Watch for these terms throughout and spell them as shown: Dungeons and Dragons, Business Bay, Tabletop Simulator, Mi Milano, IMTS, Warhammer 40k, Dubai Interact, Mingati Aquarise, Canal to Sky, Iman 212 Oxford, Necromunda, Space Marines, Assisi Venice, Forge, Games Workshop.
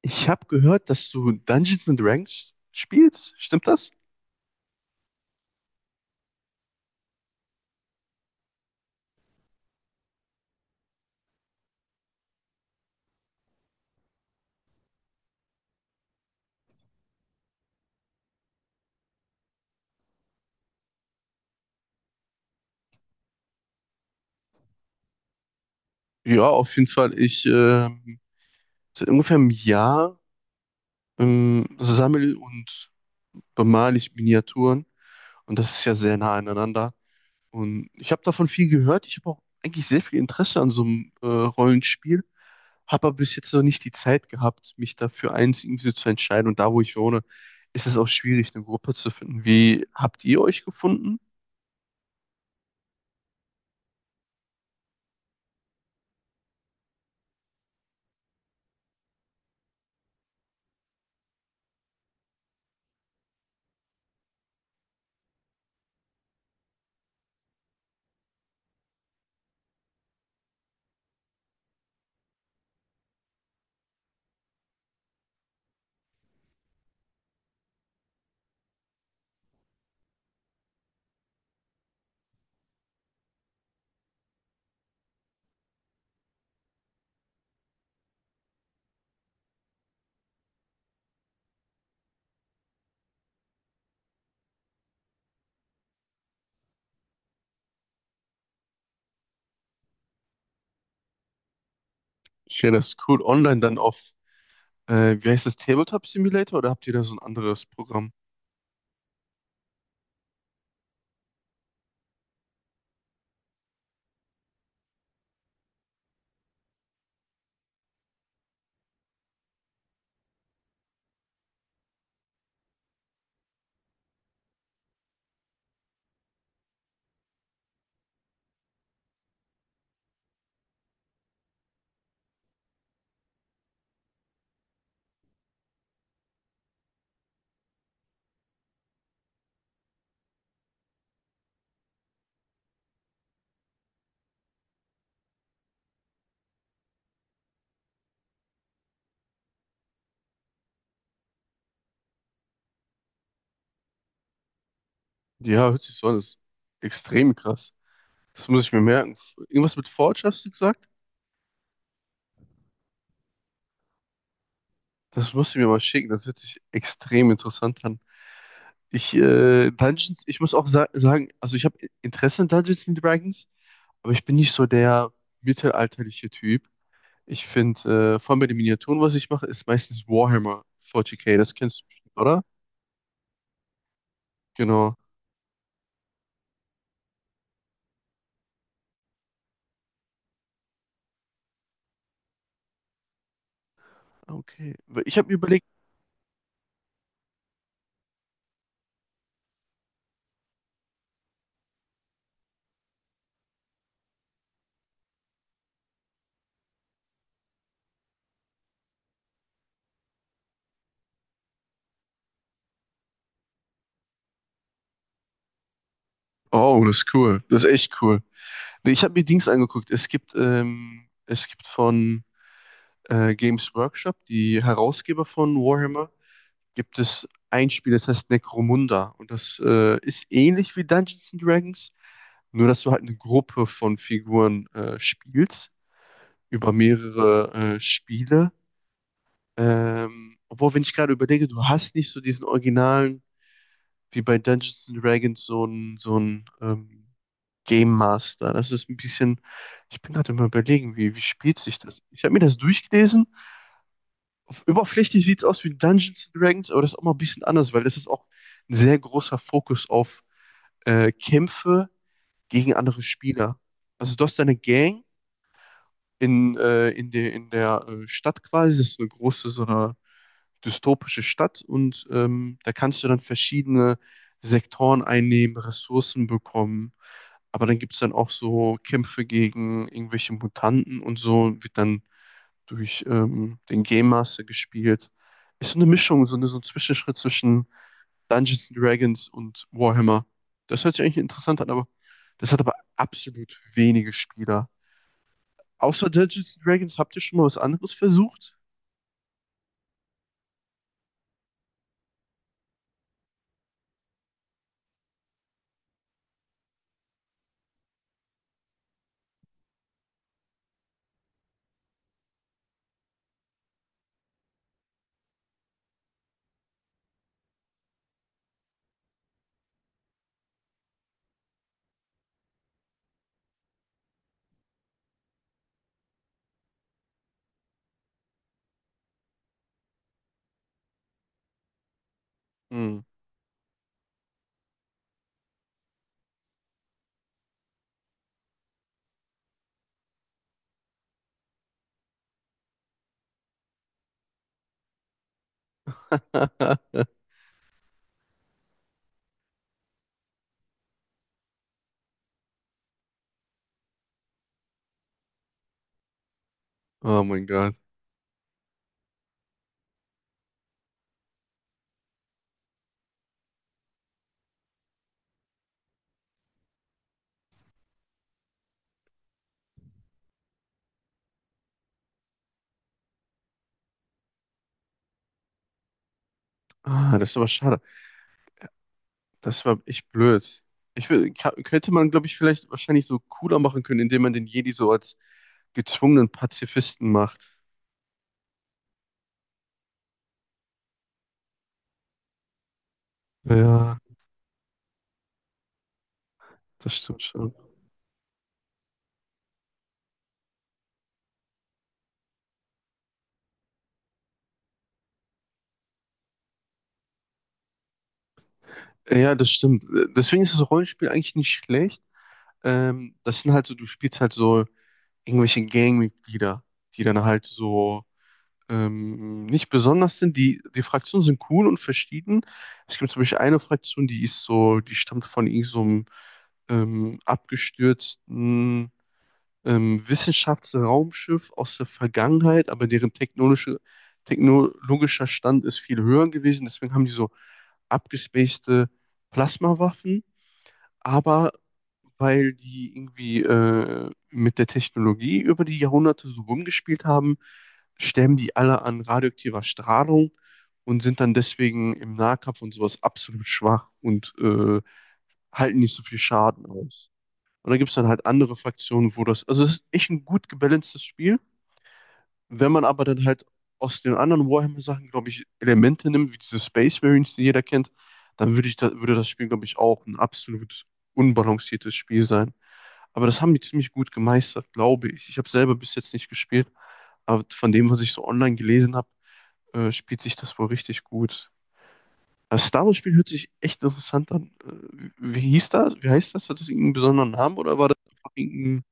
Ich habe gehört, dass du Dungeons and Dragons spielst. Stimmt das? Ja, auf jeden Fall. Ich Seit ungefähr einem Jahr sammle und bemale ich Miniaturen, und das ist ja sehr nah aneinander. Und ich habe davon viel gehört. Ich habe auch eigentlich sehr viel Interesse an so einem Rollenspiel, habe aber bis jetzt noch nicht die Zeit gehabt, mich dafür eins irgendwie zu entscheiden. Und da, wo ich wohne, ist es auch schwierig, eine Gruppe zu finden. Wie habt ihr euch gefunden? Ich wäre das cool, online dann auf wie heißt das? Tabletop Simulator, oder habt ihr da so ein anderes Programm? Ja, hört sich so an. Das ist extrem krass. Das muss ich mir merken. Irgendwas mit Forge hast du gesagt? Das musst du mir mal schicken. Das hört sich extrem interessant an. Ich muss auch sa sagen, also ich habe Interesse an Dungeons and Dragons, aber ich bin nicht so der mittelalterliche Typ. Vor allem bei den Miniaturen, was ich mache, ist meistens Warhammer 40k. Das kennst du bestimmt, oder? Genau. Okay. Ich habe mir überlegt, oh, das ist cool. Das ist echt cool. Nee, ich habe mir Dings angeguckt. Es gibt von Games Workshop, die Herausgeber von Warhammer, gibt es ein Spiel, das heißt Necromunda. Und das ist ähnlich wie Dungeons and Dragons, nur dass du halt eine Gruppe von Figuren spielst über mehrere Spiele. Obwohl, wenn ich gerade überlege, du hast nicht so diesen originalen, wie bei Dungeons and Dragons, so einen Game Master. Das ist ein bisschen, ich bin gerade immer überlegen, wie, wie spielt sich das? Ich habe mir das durchgelesen. Oberflächlich sieht es aus wie Dungeons and Dragons, aber das ist auch mal ein bisschen anders, weil das ist auch ein sehr großer Fokus auf Kämpfe gegen andere Spieler. Also du hast deine Gang in der Stadt quasi. Das ist so eine große, so eine dystopische Stadt, und da kannst du dann verschiedene Sektoren einnehmen, Ressourcen bekommen. Aber dann gibt es dann auch so Kämpfe gegen irgendwelche Mutanten und so, wird dann durch den Game Master gespielt. Ist so eine Mischung, so eine, so ein Zwischenschritt zwischen Dungeons and Dragons und Warhammer. Das hört sich eigentlich interessant an, aber das hat aber absolut wenige Spieler. Außer Dungeons and Dragons, habt ihr schon mal was anderes versucht? Hm. Oh mein Gott. Ah, das ist aber schade. Das war echt blöd. Ich will, könnte man, glaube ich, vielleicht wahrscheinlich so cooler machen können, indem man den Jedi so als gezwungenen Pazifisten macht. Ja, das stimmt schon. Ja, das stimmt. Deswegen ist das Rollenspiel eigentlich nicht schlecht. Das sind halt so, du spielst halt so irgendwelche Gangmitglieder, die dann halt so nicht besonders sind. Die, die Fraktionen sind cool und verschieden. Es gibt zum Beispiel eine Fraktion, die ist so, die stammt von irgend so einem abgestürzten Wissenschaftsraumschiff aus der Vergangenheit, aber deren technologischer Stand ist viel höher gewesen. Deswegen haben die so abgespacede Plasmawaffen, aber weil die irgendwie mit der Technologie über die Jahrhunderte so rumgespielt haben, sterben die alle an radioaktiver Strahlung und sind dann deswegen im Nahkampf und sowas absolut schwach und halten nicht so viel Schaden aus. Und dann gibt es dann halt andere Fraktionen, wo das, also es ist echt ein gut gebalancedes Spiel. Wenn man aber dann halt aus den anderen Warhammer-Sachen, glaube ich, Elemente nimmt, wie diese Space Marines, die jeder kennt, dann würde ich da, würde das Spiel, glaube ich, auch ein absolut unbalanciertes Spiel sein. Aber das haben die ziemlich gut gemeistert, glaube ich. Ich habe selber bis jetzt nicht gespielt, aber von dem, was ich so online gelesen habe, spielt sich das wohl richtig gut. Das Star Wars-Spiel hört sich echt interessant an. Wie hieß das? Wie heißt das? Hat das irgendeinen besonderen Namen oder war das einfach irgendein?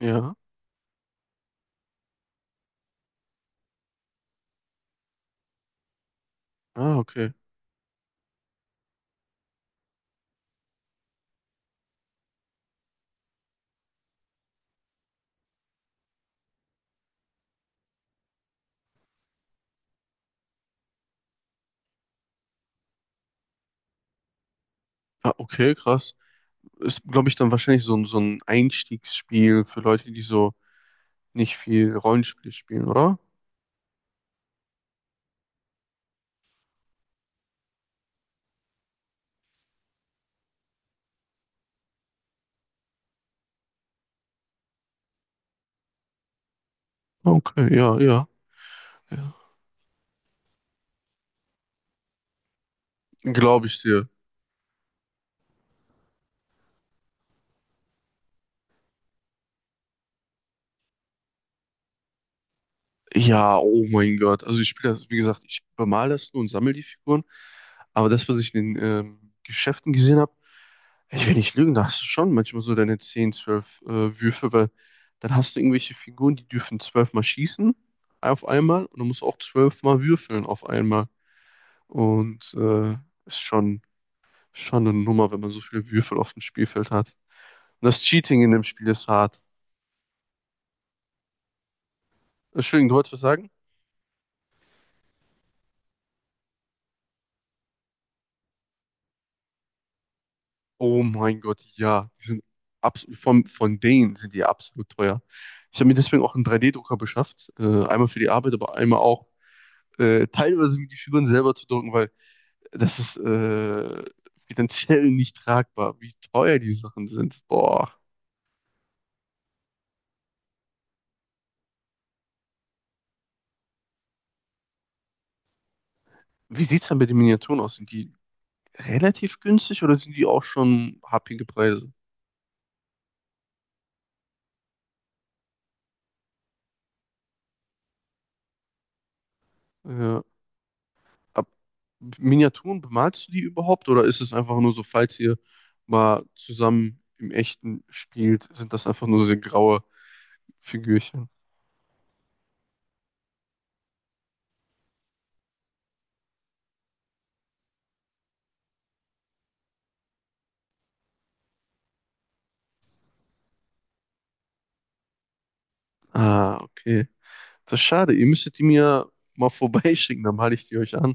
Ja. Ah, okay. Ah, okay, krass. Ist, glaube ich, dann wahrscheinlich so, so ein Einstiegsspiel für Leute, die so nicht viel Rollenspiel spielen, oder? Okay, ja, ja, ja. Glaube ich dir. Ja, oh mein Gott. Also ich spiele das, wie gesagt, ich bemale das nur und sammle die Figuren. Aber das, was ich in den Geschäften gesehen habe, ich will nicht lügen, da hast du schon manchmal so deine 10, 12 Würfe, weil dann hast du irgendwelche Figuren, die dürfen 12 mal schießen auf einmal, und du musst auch 12 mal würfeln auf einmal. Und ist schon, schon eine Nummer, wenn man so viele Würfel auf dem Spielfeld hat. Und das Cheating in dem Spiel ist hart. Entschuldigung, du wolltest was sagen? Oh mein Gott, ja. Die sind absolut, von denen sind die absolut teuer. Ich habe mir deswegen auch einen 3D-Drucker beschafft. Einmal für die Arbeit, aber einmal auch teilweise mit die Figuren selber zu drucken, weil das ist finanziell nicht tragbar, wie teuer die Sachen sind. Boah. Wie sieht's dann bei den Miniaturen aus? Sind die relativ günstig oder sind die auch schon happige Preise? Ja, ab Miniaturen, bemalst du die überhaupt, oder ist es einfach nur so, falls ihr mal zusammen im Echten spielt, sind das einfach nur so graue Figürchen? Ah, okay. Das ist schade. Ihr müsstet die mir mal vorbeischicken, dann male ich die euch an.